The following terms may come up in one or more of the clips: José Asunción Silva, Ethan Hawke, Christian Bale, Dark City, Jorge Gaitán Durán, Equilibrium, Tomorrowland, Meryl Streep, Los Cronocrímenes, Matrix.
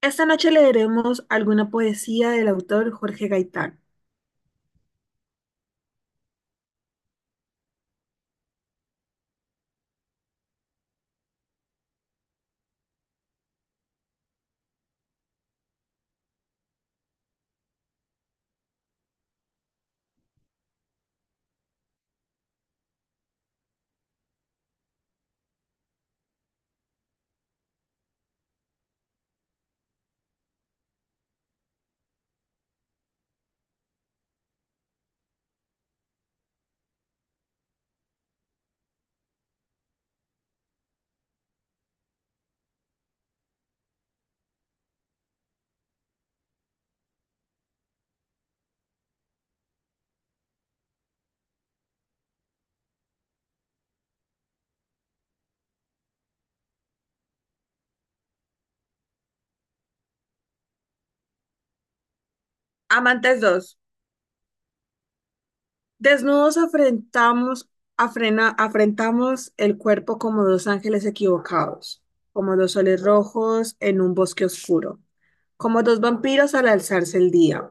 Esta noche leeremos alguna poesía del autor Jorge Gaitán. Amantes 2. Desnudos afrentamos, afrentamos el cuerpo como dos ángeles equivocados, como dos soles rojos en un bosque oscuro, como dos vampiros al alzarse el día,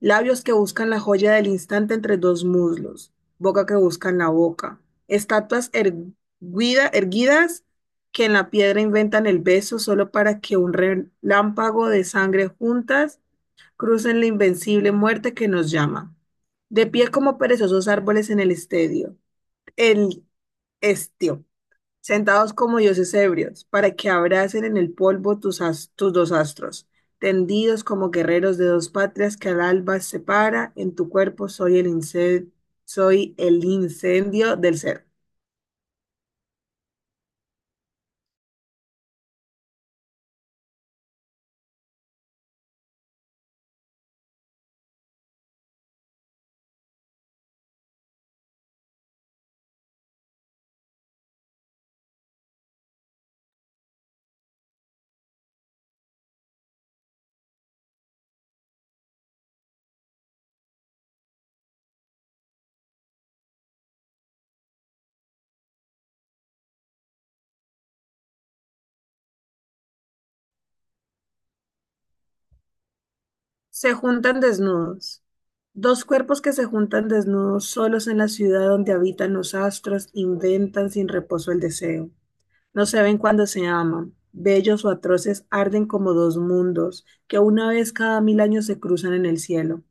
labios que buscan la joya del instante entre dos muslos, boca que buscan la boca, erguidas que en la piedra inventan el beso solo para que un relámpago de sangre juntas crucen la invencible muerte que nos llama. De pie como perezosos árboles en el estadio, el estio, sentados como dioses ebrios, para que abracen en el polvo tus dos astros, tendidos como guerreros de dos patrias que al alba separa, en tu cuerpo soy el incendio del ser. Se juntan desnudos. Dos cuerpos que se juntan desnudos solos en la ciudad donde habitan los astros, inventan sin reposo el deseo. No se ven cuando se aman. Bellos o atroces arden como dos mundos que una vez cada mil años se cruzan en el cielo.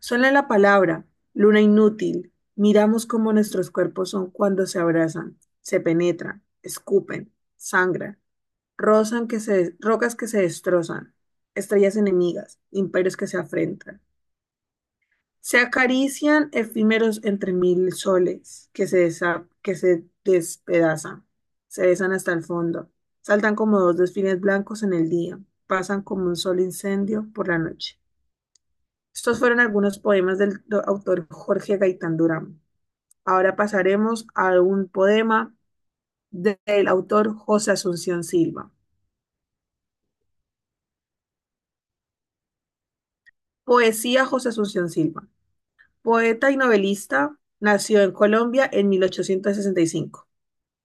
Suena la palabra, luna inútil. Miramos cómo nuestros cuerpos son cuando se abrazan, se penetran, escupen, sangran, rocas que se destrozan, estrellas enemigas, imperios que se afrentan. Se acarician efímeros entre mil soles que se despedazan, se besan hasta el fondo, saltan como dos desfiles blancos en el día, pasan como un solo incendio por la noche. Estos fueron algunos poemas del autor Jorge Gaitán Durán. Ahora pasaremos a un poema del autor José Asunción Silva. Poesía José Asunción Silva. Poeta y novelista, nació en Colombia en 1865.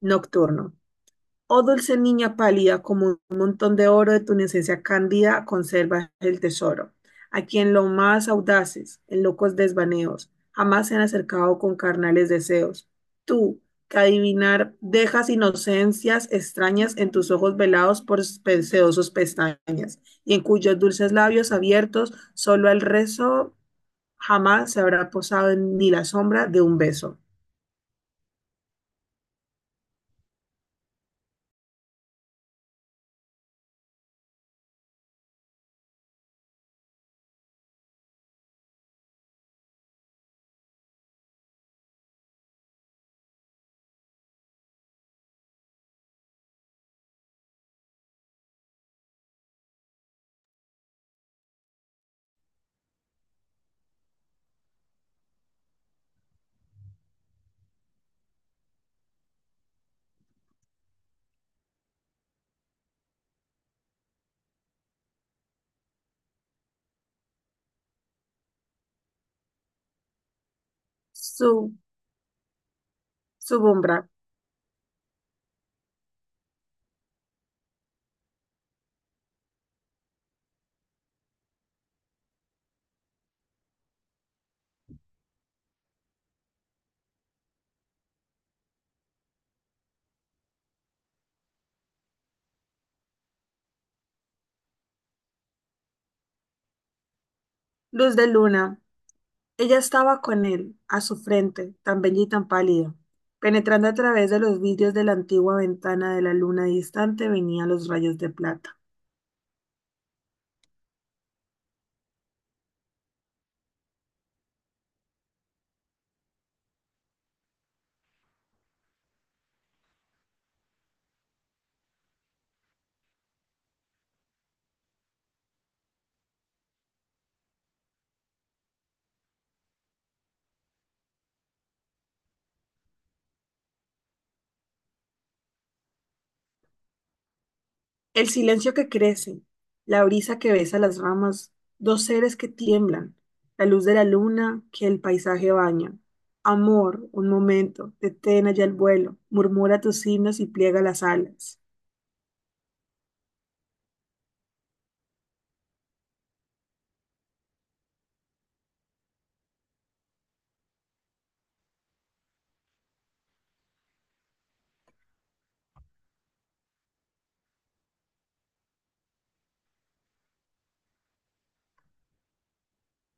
Nocturno. Oh dulce niña pálida, como un montón de oro de tu inocencia cándida, conservas el tesoro. A quien lo más audaces, en locos desvaneos, jamás se han acercado con carnales deseos. Tú, que adivinar dejas inocencias extrañas en tus ojos velados por sedosos pestañas, y en cuyos dulces labios abiertos solo el rezo jamás se habrá posado en ni la sombra de un beso. Su, Subumbra, luz de luna. Ella estaba con él, a su frente, tan bella y tan pálida. Penetrando a través de los vidrios de la antigua ventana de la luna distante venían los rayos de plata. El silencio que crece, la brisa que besa las ramas, dos seres que tiemblan, la luz de la luna que el paisaje baña. Amor, un momento, detén allá el vuelo, murmura tus himnos y pliega las alas.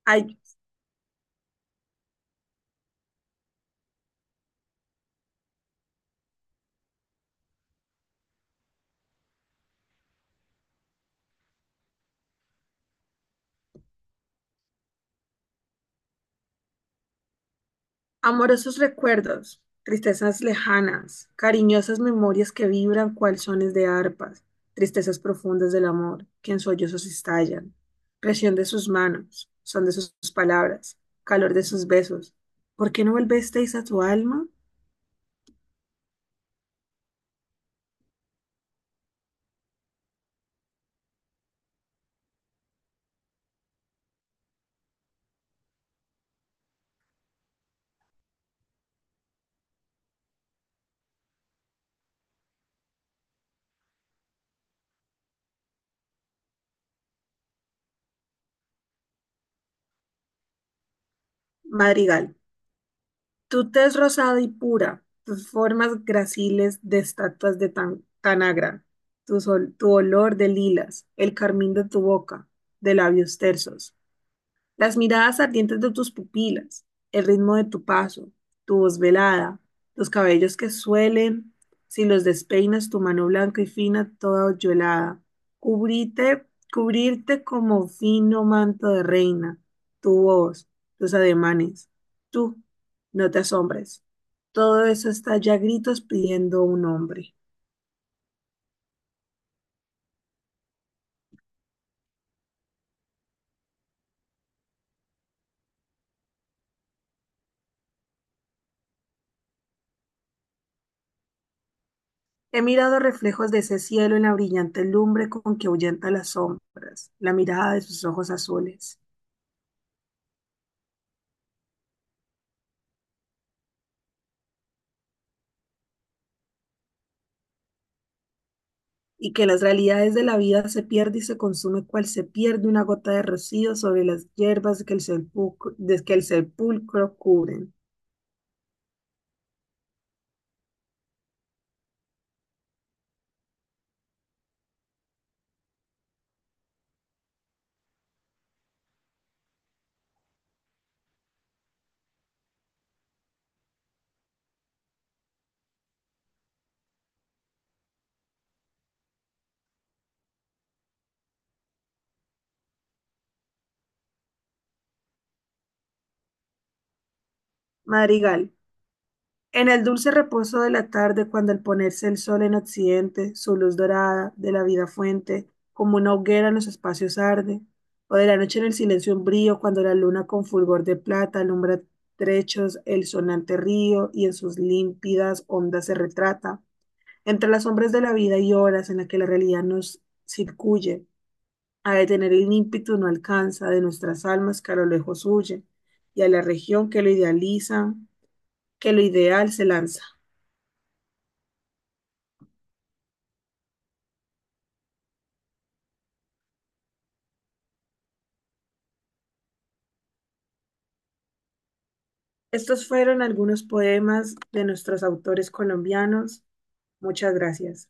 Hay amorosos recuerdos, tristezas lejanas, cariñosas memorias que vibran cual sones de arpas, tristezas profundas del amor, que en sollozos estallan, presión de sus manos, son de sus palabras, calor de sus besos. ¿Por qué no volvisteis a tu alma? Madrigal, tu tez rosada y pura, tus formas graciles de estatuas de tan Tanagra, tu olor de lilas, el carmín de tu boca, de labios tersos. Las miradas ardientes de tus pupilas, el ritmo de tu paso, tu voz velada, los cabellos que suelen, si los despeinas, tu mano blanca y fina, toda hoyuelada, cubrirte, cubrirte como fino manto de reina, tu voz, tus ademanes, tú, no te asombres. Todo eso está ya a gritos pidiendo un hombre. He mirado reflejos de ese cielo en la brillante lumbre con que ahuyenta las sombras, la mirada de sus ojos azules. Y que las realidades de la vida se pierde y se consume cual se pierde una gota de rocío sobre las hierbas que de que el sepulcro cubren. Madrigal. En el dulce reposo de la tarde, cuando al ponerse el sol en occidente, su luz dorada de la vida fuente, como una hoguera en los espacios arde, o de la noche en el silencio umbrío, cuando la luna con fulgor de plata alumbra trechos el sonante río y en sus límpidas ondas se retrata. Entre las sombras de la vida y horas en las que la realidad nos circuye, a detener el ímpetu no alcanza de nuestras almas que a lo lejos huye, y a la región que lo idealiza, que lo ideal se lanza. Estos fueron algunos poemas de nuestros autores colombianos. Muchas gracias.